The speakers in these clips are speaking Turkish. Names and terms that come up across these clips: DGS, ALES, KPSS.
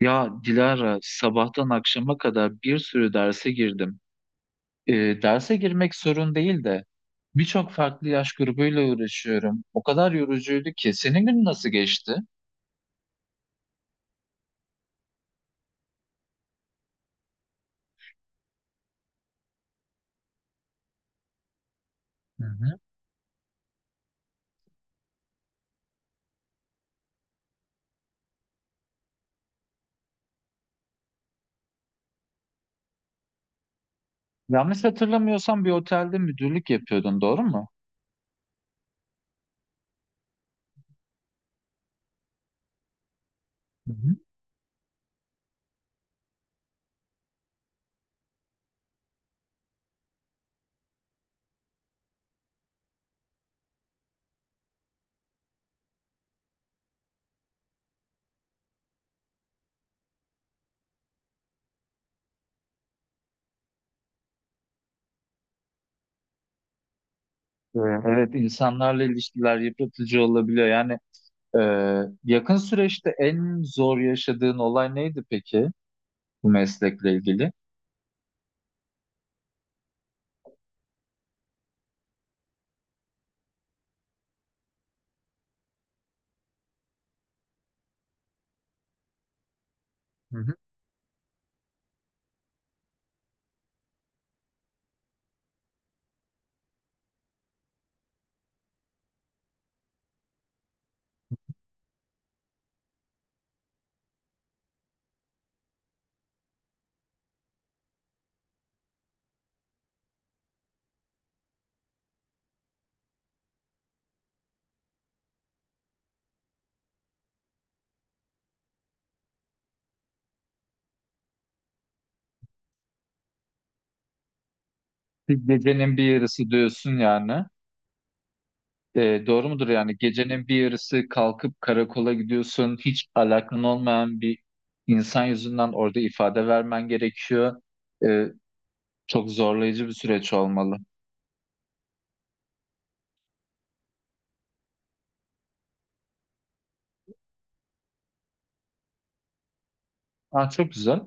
Ya Dilara, sabahtan akşama kadar bir sürü derse girdim. Ee, Derse girmek sorun değil de birçok farklı yaş grubuyla uğraşıyorum. O kadar yorucuydu ki. Senin gün nasıl geçti? Hı hı. Yanlış hatırlamıyorsam bir otelde müdürlük yapıyordun, doğru mu? Hı hı. Evet, evet, insanlarla ilişkiler yıpratıcı olabiliyor. Yani e, yakın süreçte en zor yaşadığın olay neydi peki bu meslekle ilgili? Hı hı. Bir gecenin bir yarısı diyorsun yani. Doğru mudur yani gecenin bir yarısı kalkıp karakola gidiyorsun hiç alakan olmayan bir insan yüzünden orada ifade vermen gerekiyor. E, Çok zorlayıcı bir süreç olmalı. Ah çok güzel,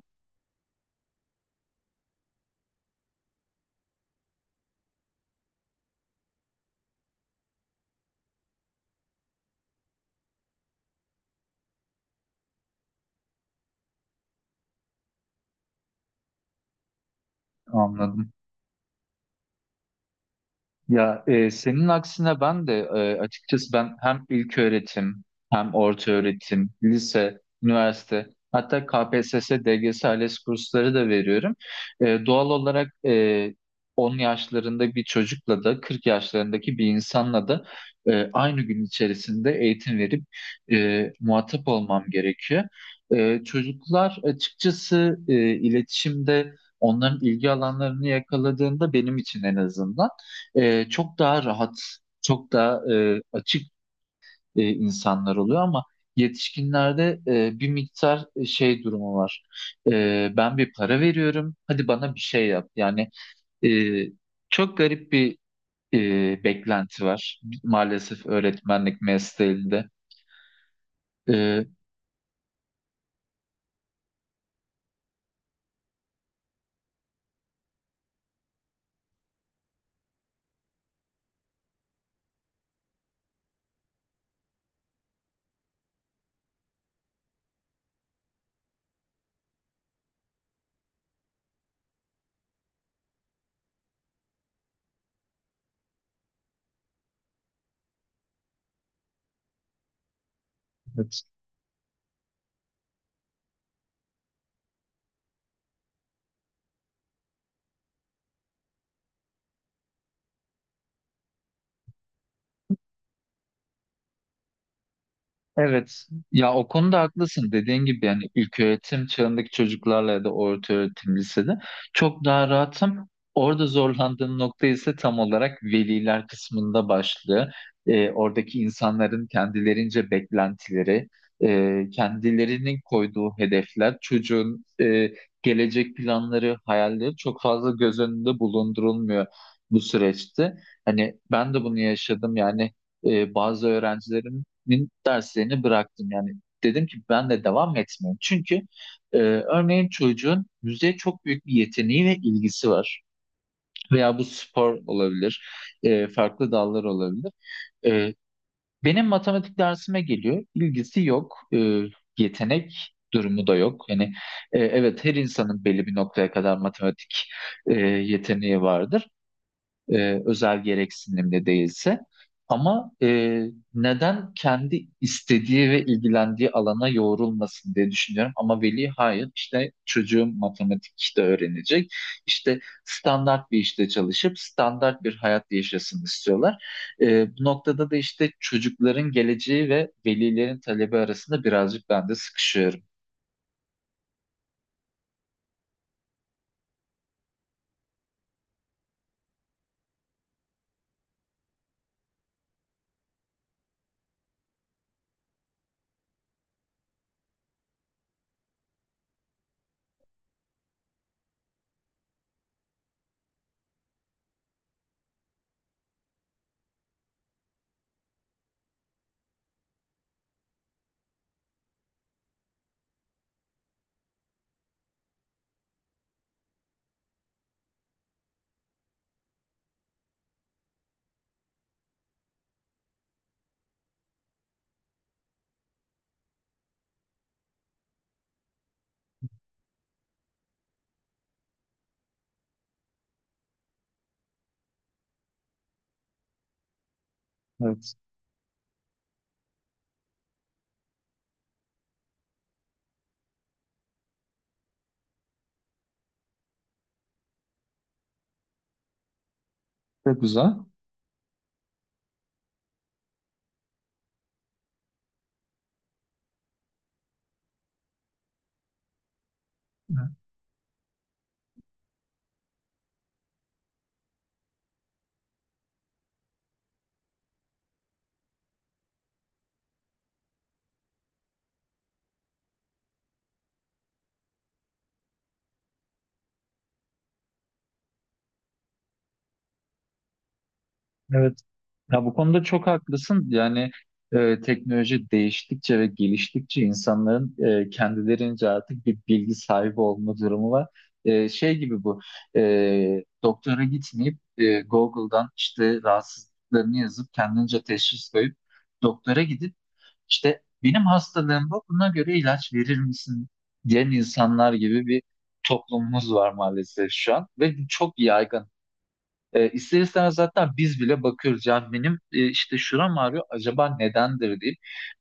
anladım. Ya senin aksine ben de açıkçası ben hem ilköğretim hem orta öğretim, lise, üniversite hatta KPSS, DGS, ALES kursları da veriyorum. Doğal olarak 10 yaşlarında bir çocukla da 40 yaşlarındaki bir insanla da aynı gün içerisinde eğitim verip muhatap olmam gerekiyor. Çocuklar açıkçası iletişimde onların ilgi alanlarını yakaladığında benim için en azından çok daha rahat, çok daha açık insanlar oluyor ama yetişkinlerde bir miktar şey durumu var. Ben bir para veriyorum, hadi bana bir şey yap. Yani e, çok garip bir beklenti var maalesef öğretmenlik mesleğinde. E, evet. Evet. Ya o konuda haklısın. Dediğin gibi yani ilköğretim çağındaki çocuklarla ya da orta öğretim lisede çok daha rahatım. Orada zorlandığım nokta ise tam olarak veliler kısmında başlıyor. Oradaki insanların kendilerince beklentileri, kendilerinin koyduğu hedefler, çocuğun gelecek planları, hayalleri çok fazla göz önünde bulundurulmuyor bu süreçte. Hani ben de bunu yaşadım yani bazı öğrencilerin öğretmenlik derslerini bıraktım. Yani dedim ki ben de devam etmeyeyim. Çünkü örneğin çocuğun müziğe çok büyük bir yeteneği ve ilgisi var. Veya bu spor olabilir, farklı dallar olabilir. E, Benim matematik dersime geliyor, ilgisi yok, yetenek durumu da yok. Yani evet her insanın belli bir noktaya kadar matematik yeteneği vardır özel gereksinimli değilse. Ama neden kendi istediği ve ilgilendiği alana yoğrulmasın diye düşünüyorum. Ama veli hayır işte çocuğum matematik işte öğrenecek. İşte standart bir işte çalışıp standart bir hayat yaşasın istiyorlar. Bu noktada da işte çocukların geleceği ve velilerin talebi arasında birazcık ben de sıkışıyorum. Evet, çok güzel. Evet. Ya bu konuda çok haklısın. Yani teknoloji değiştikçe ve geliştikçe insanların kendilerince artık bir bilgi sahibi olma durumu var. Şey gibi bu. Doktora gitmeyip Google'dan işte rahatsızlıklarını yazıp kendince teşhis koyup doktora gidip işte benim hastalığım bu. Buna göre ilaç verir misin diyen insanlar gibi bir toplumumuz var maalesef şu an ve bu çok yaygın. İster istemez zaten biz bile bakıyoruz. Yani benim işte şuram ağrıyor acaba nedendir diye.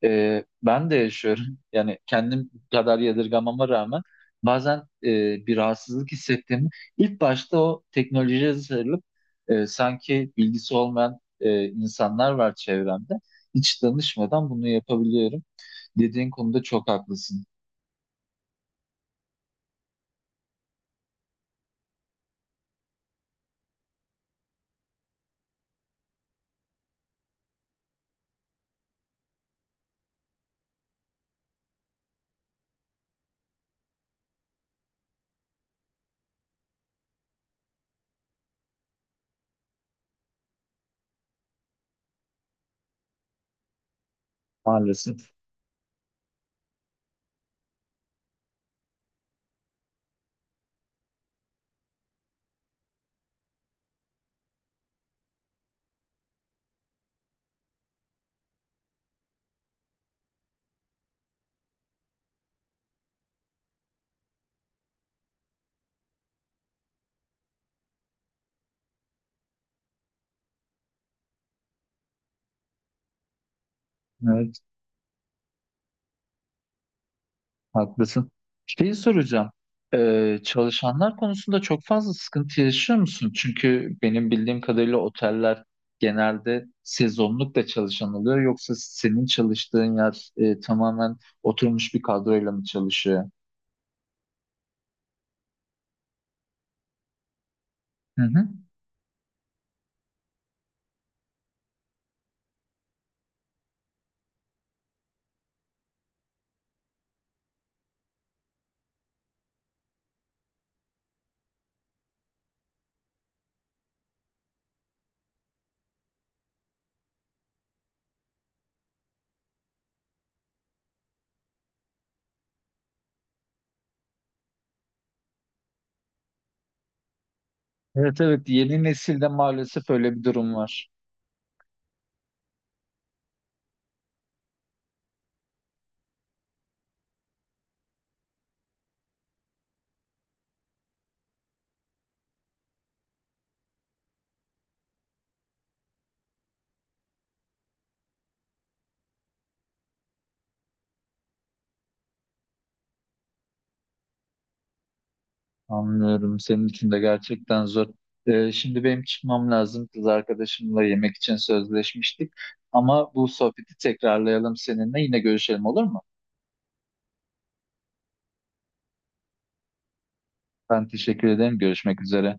Ben de yaşıyorum. Yani kendim kadar yadırgamama rağmen bazen bir rahatsızlık hissettiğimi ilk başta o teknolojiye sarılıp sanki bilgisi olmayan insanlar var çevremde. Hiç danışmadan bunu yapabiliyorum. Dediğin konuda çok haklısın. Maalesef. Evet. Haklısın. Şeyi soracağım. Çalışanlar konusunda çok fazla sıkıntı yaşıyor musun? Çünkü benim bildiğim kadarıyla oteller genelde sezonluk da çalışan oluyor. Yoksa senin çalıştığın yer tamamen oturmuş bir kadroyla mı çalışıyor? Hı hı. Evet, evet, yeni nesilde maalesef öyle bir durum var. Anlıyorum. Senin için de gerçekten zor. Şimdi benim çıkmam lazım. Kız arkadaşımla yemek için sözleşmiştik. Ama bu sohbeti tekrarlayalım seninle. Yine görüşelim, olur mu? Ben teşekkür ederim. Görüşmek üzere.